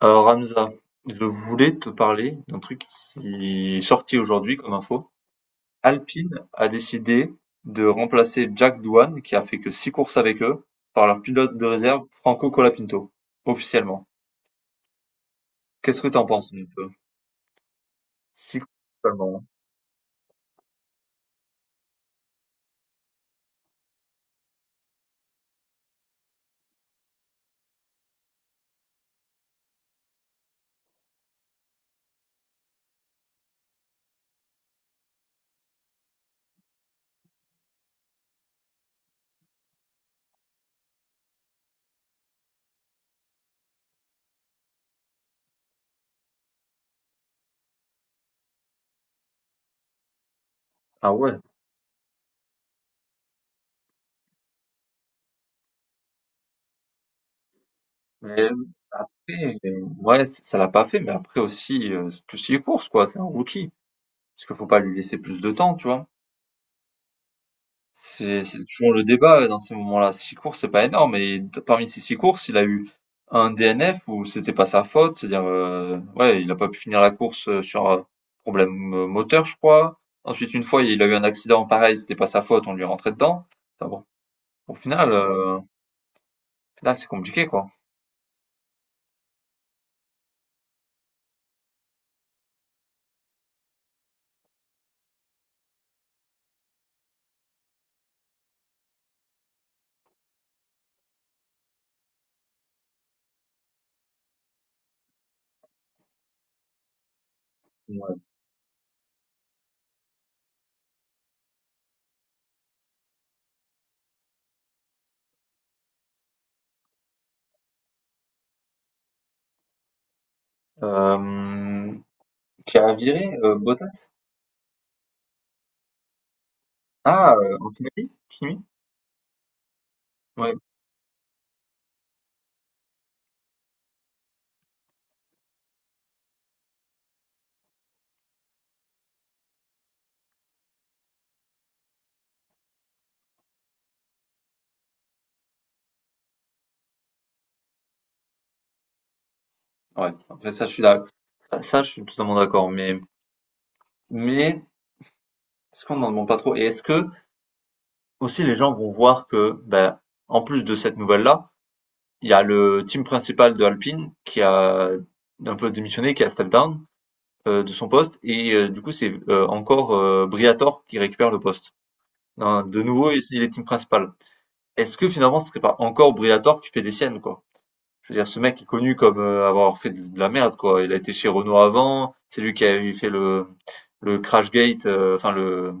Alors Hamza, je voulais te parler d'un truc qui est sorti aujourd'hui comme info. Alpine a décidé de remplacer Jack Doohan, qui a fait que six courses avec eux, par leur pilote de réserve Franco Colapinto, officiellement. Qu'est-ce que t'en penses un peu? Six courses seulement. Ah ouais. Mais ouais, ouais, ça l'a pas fait, mais après aussi, c'est que six courses, quoi, c'est un rookie. Parce qu'il faut pas lui laisser plus de temps, tu vois. C'est toujours le débat dans ces moments-là. Six courses, c'est pas énorme et d parmi ces 6 courses, il a eu un DNF où c'était pas sa faute, c'est-à-dire, ouais, il a pas pu finir la course, sur, problème, moteur, je crois. Ensuite, une fois, il a eu un accident, pareil, c'était pas sa faute, on lui est rentré dedans. Enfin bon, au final, c'est compliqué, quoi. Ouais. Hem, qui a viré, Bottas? Ah, Antonelli? Kimi? Ouais, ouais, après ça, je suis d'a ça ça, je suis totalement d'accord, mais est-ce qu'on en demande pas trop? Et est-ce que aussi les gens vont voir que, ben, en plus de cette nouvelle-là, il y a le team principal de Alpine qui a un peu démissionné, qui a step down de son poste, et du coup c'est encore Briator qui récupère le poste. Hein, de nouveau, il est team principal. Est-ce que finalement ce serait pas encore Briatore qui fait des siennes, quoi? Je veux dire, ce mec est connu comme avoir fait de la merde, quoi. Il a été chez Renault avant, c'est lui qui avait fait le Crashgate, enfin le,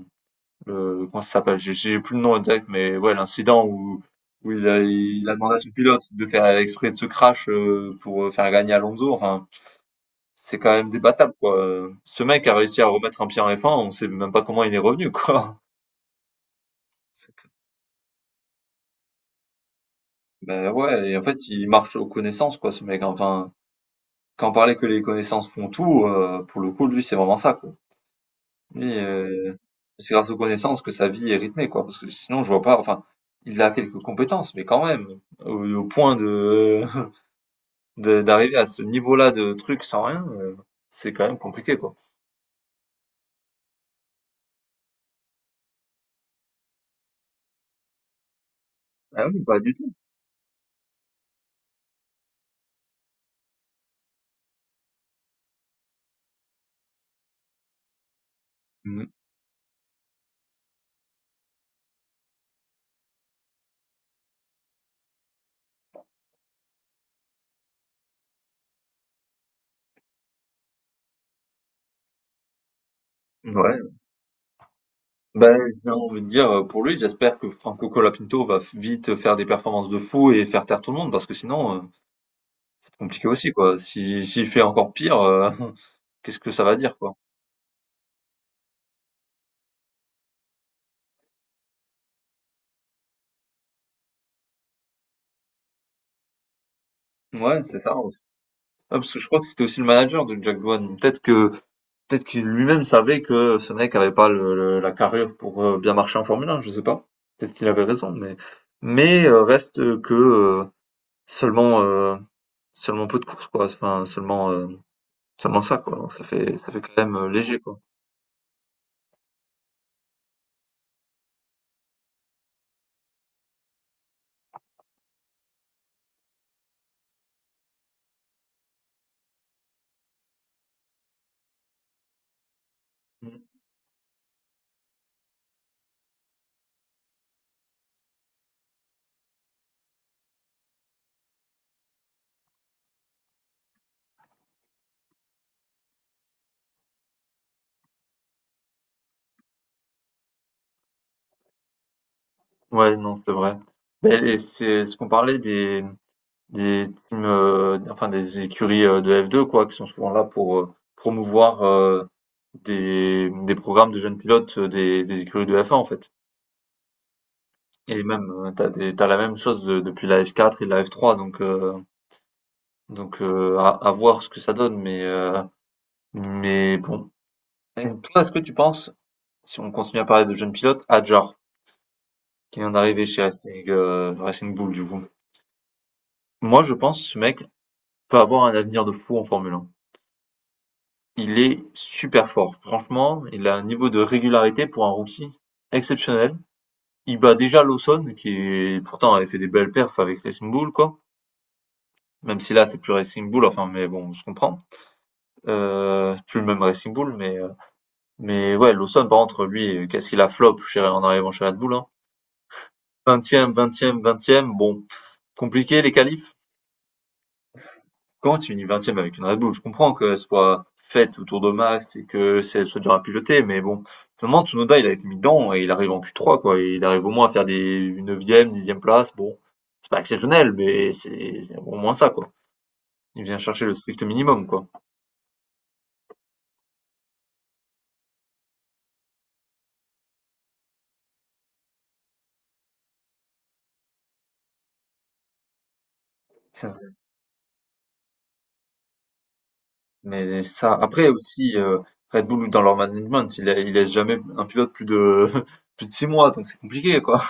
euh, comment ça s'appelle? J'ai plus le nom exact, mais ouais, l'incident où il a demandé à son pilote de faire exprès de ce crash pour faire gagner Alonso. Enfin, c'est quand même débattable, quoi. Ce mec a réussi à remettre un pied en F1, on sait même pas comment il est revenu, quoi. Ben ouais, et en fait, il marche aux connaissances, quoi, ce mec. Hein. Enfin, quand on parlait que les connaissances font tout, pour le coup, lui, c'est vraiment ça, quoi. Lui, c'est grâce aux connaissances que sa vie est rythmée, quoi. Parce que sinon, je vois pas, enfin, il a quelques compétences, mais quand même, au point d'arriver à ce niveau-là de truc sans rien, c'est quand même compliqué, quoi. Ah oui, pas du tout. Mmh. Ouais. Ben j'ai envie de dire, pour lui, j'espère que Franco Colapinto va f vite faire des performances de fou et faire taire tout le monde parce que sinon, c'est compliqué aussi, quoi. Si s'il fait encore pire, qu'est-ce que ça va dire, quoi? Ouais, c'est ça, aussi. Ouais, parce que je crois que c'était aussi le manager de Jack Doohan. Peut-être qu'il lui-même savait que ce mec avait pas le le la carrure pour, bien marcher en Formule 1, je sais pas. Peut-être qu'il avait raison, mais reste que, seulement, seulement peu de courses quoi, enfin seulement, seulement ça quoi, donc ça fait quand même, léger quoi. Mmh. Ouais, non, c'est vrai. Beh et c'est ce qu'on parlait des teams, enfin des écuries, de F2 quoi, qui sont souvent là pour, promouvoir, des programmes de jeunes pilotes, des écuries de F1 en fait. Et même, t'as des tu la même chose de depuis la F4 et la F3 donc, à voir ce que ça donne mais bon. Et toi, est-ce que tu penses? Si on continue à parler de jeunes pilotes, Hadjar, qui vient d'arriver chez Racing Bull, du coup. Moi, je pense que ce mec peut avoir un avenir de fou en Formule 1. Il est super fort. Franchement, il a un niveau de régularité pour un rookie exceptionnel. Il bat déjà Lawson, pourtant avait fait des belles perfs avec Racing Bull, quoi. Même si là, c'est plus Racing Bull, enfin, mais bon, on se comprend. C'est plus le même Racing Bull, mais ouais, Lawson, par contre, lui, qu'est-ce qu'il a flop en arrivant chez Red Bull, hein. Vingtième, vingtième, vingtième, bon, compliqué les qualifs. Quand tu finis 20 avec une Red Bull? Je comprends qu'elle soit faite autour de Max et que elle soit dure à piloter, mais bon, finalement, Tsunoda, il a été mis dedans et il arrive en Q3, quoi. Il arrive au moins à faire des neuvième, dixième place. Bon, c'est pas exceptionnel, mais c'est au moins ça, quoi. Il vient chercher le strict minimum, quoi. Ça- Mais ça, après aussi, Red Bull, dans leur management, il laisse jamais un pilote plus de, plus de 6 mois, donc c'est compliqué, quoi.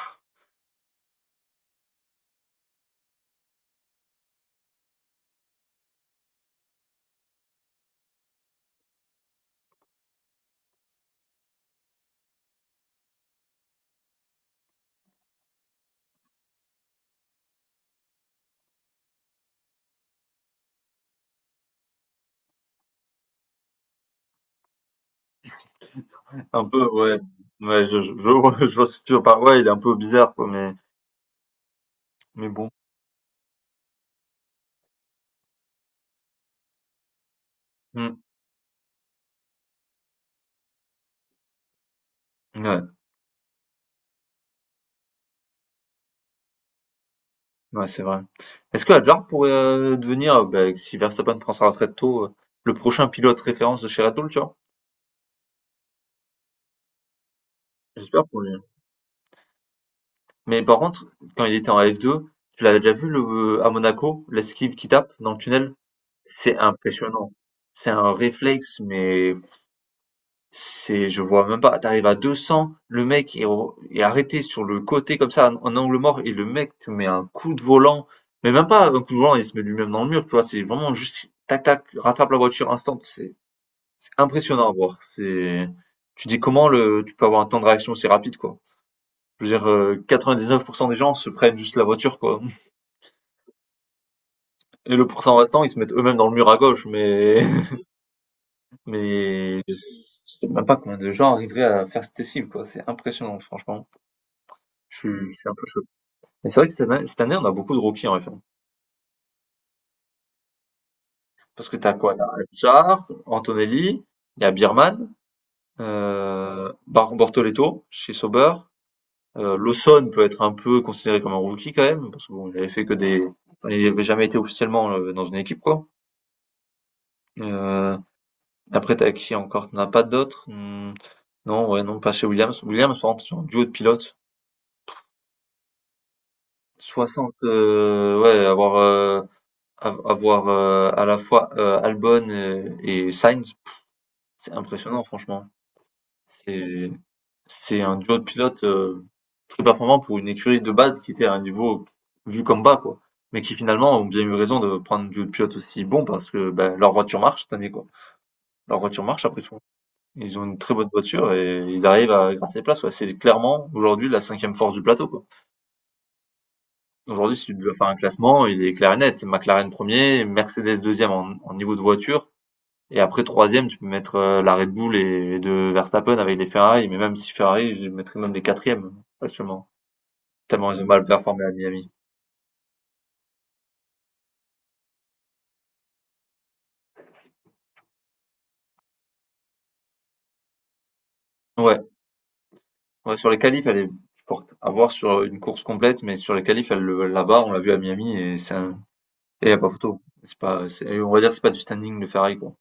Un peu, ouais. Ouais, je vois je vois ce que tu veux ouais, il est un peu bizarre, quoi, mais bon. Hmm. Ouais. Ouais, c'est vrai. Est-ce que Adler pourrait, devenir, beh, si Verstappen prend sa retraite tôt, le prochain pilote référence de chez Red Bull, tu vois? J'espère pour lui. Mais par contre, quand il était en F2, tu l'avais déjà vu le à Monaco, l'esquive qui tape dans le tunnel? C'est impressionnant. C'est un réflexe, mais c'est je vois même pas. T'arrives arrives à 200, le mec est arrêté sur le côté comme ça, en angle mort et le mec te met un coup de volant, mais même pas un coup de volant, il se met lui-même dans le mur, tu vois? C'est vraiment juste tac tac, rattrape la voiture instant. C'est impressionnant à voir. C'est Tu dis comment le tu peux avoir un temps de réaction aussi rapide, quoi. Je veux dire, 99 des gens se prennent juste la voiture, quoi, et le pourcent restant, ils se mettent eux-mêmes dans le mur à gauche, mais mais je sais même pas combien de gens arriveraient à faire cette cible quoi. C'est impressionnant, franchement. Je suis un peu choqué. Mais c'est vrai que cette année, on a beaucoup de rookies en F1. Parce que t'as quoi? T'as as Hadjar, Antonelli, il y a Beerman, Bar Bortoleto chez Sauber. Lawson peut être un peu considéré comme un rookie quand même, parce qu'il n'avait fait que des. Enfin, il n'avait jamais été officiellement dans une équipe, quoi. Euh, après, t'as qui encore? T'en as pas d'autres? Hmm, non, ouais, non, pas chez Williams. Williams, par contre, c'est un duo de pilotes. 60, ouais, avoir à la fois Albon et Sainz, c'est impressionnant, franchement. C'est, c'est un duo de pilotes, très performant pour une écurie de base qui était à un niveau vu comme bas, quoi. Mais qui finalement ont bien eu raison de prendre deux pilotes aussi bons parce que ben, leur voiture marche cette année, quoi. Leur voiture marche après tout. Ils ont une très bonne voiture et ils arrivent à gratter des places, quoi. C'est clairement aujourd'hui la cinquième force du plateau, quoi. Aujourd'hui, si tu dois faire un classement, il est clair et net. C'est McLaren premier, Mercedes deuxième en niveau de voiture, et après, troisième, tu peux mettre la Red Bull et de Verstappen avec les Ferrari, mais même si Ferrari, je mettrais même les quatrièmes, actuellement. Tellement ils ont mal performé à Miami. Ouais. Ouais, sur les qualifs, elle est forte. À voir sur une course complète, mais sur les qualifs, elle la barre, on l'a vu à Miami, et et y a pas photo. C'est pas, on va dire que c'est pas du standing de Ferrari, quoi.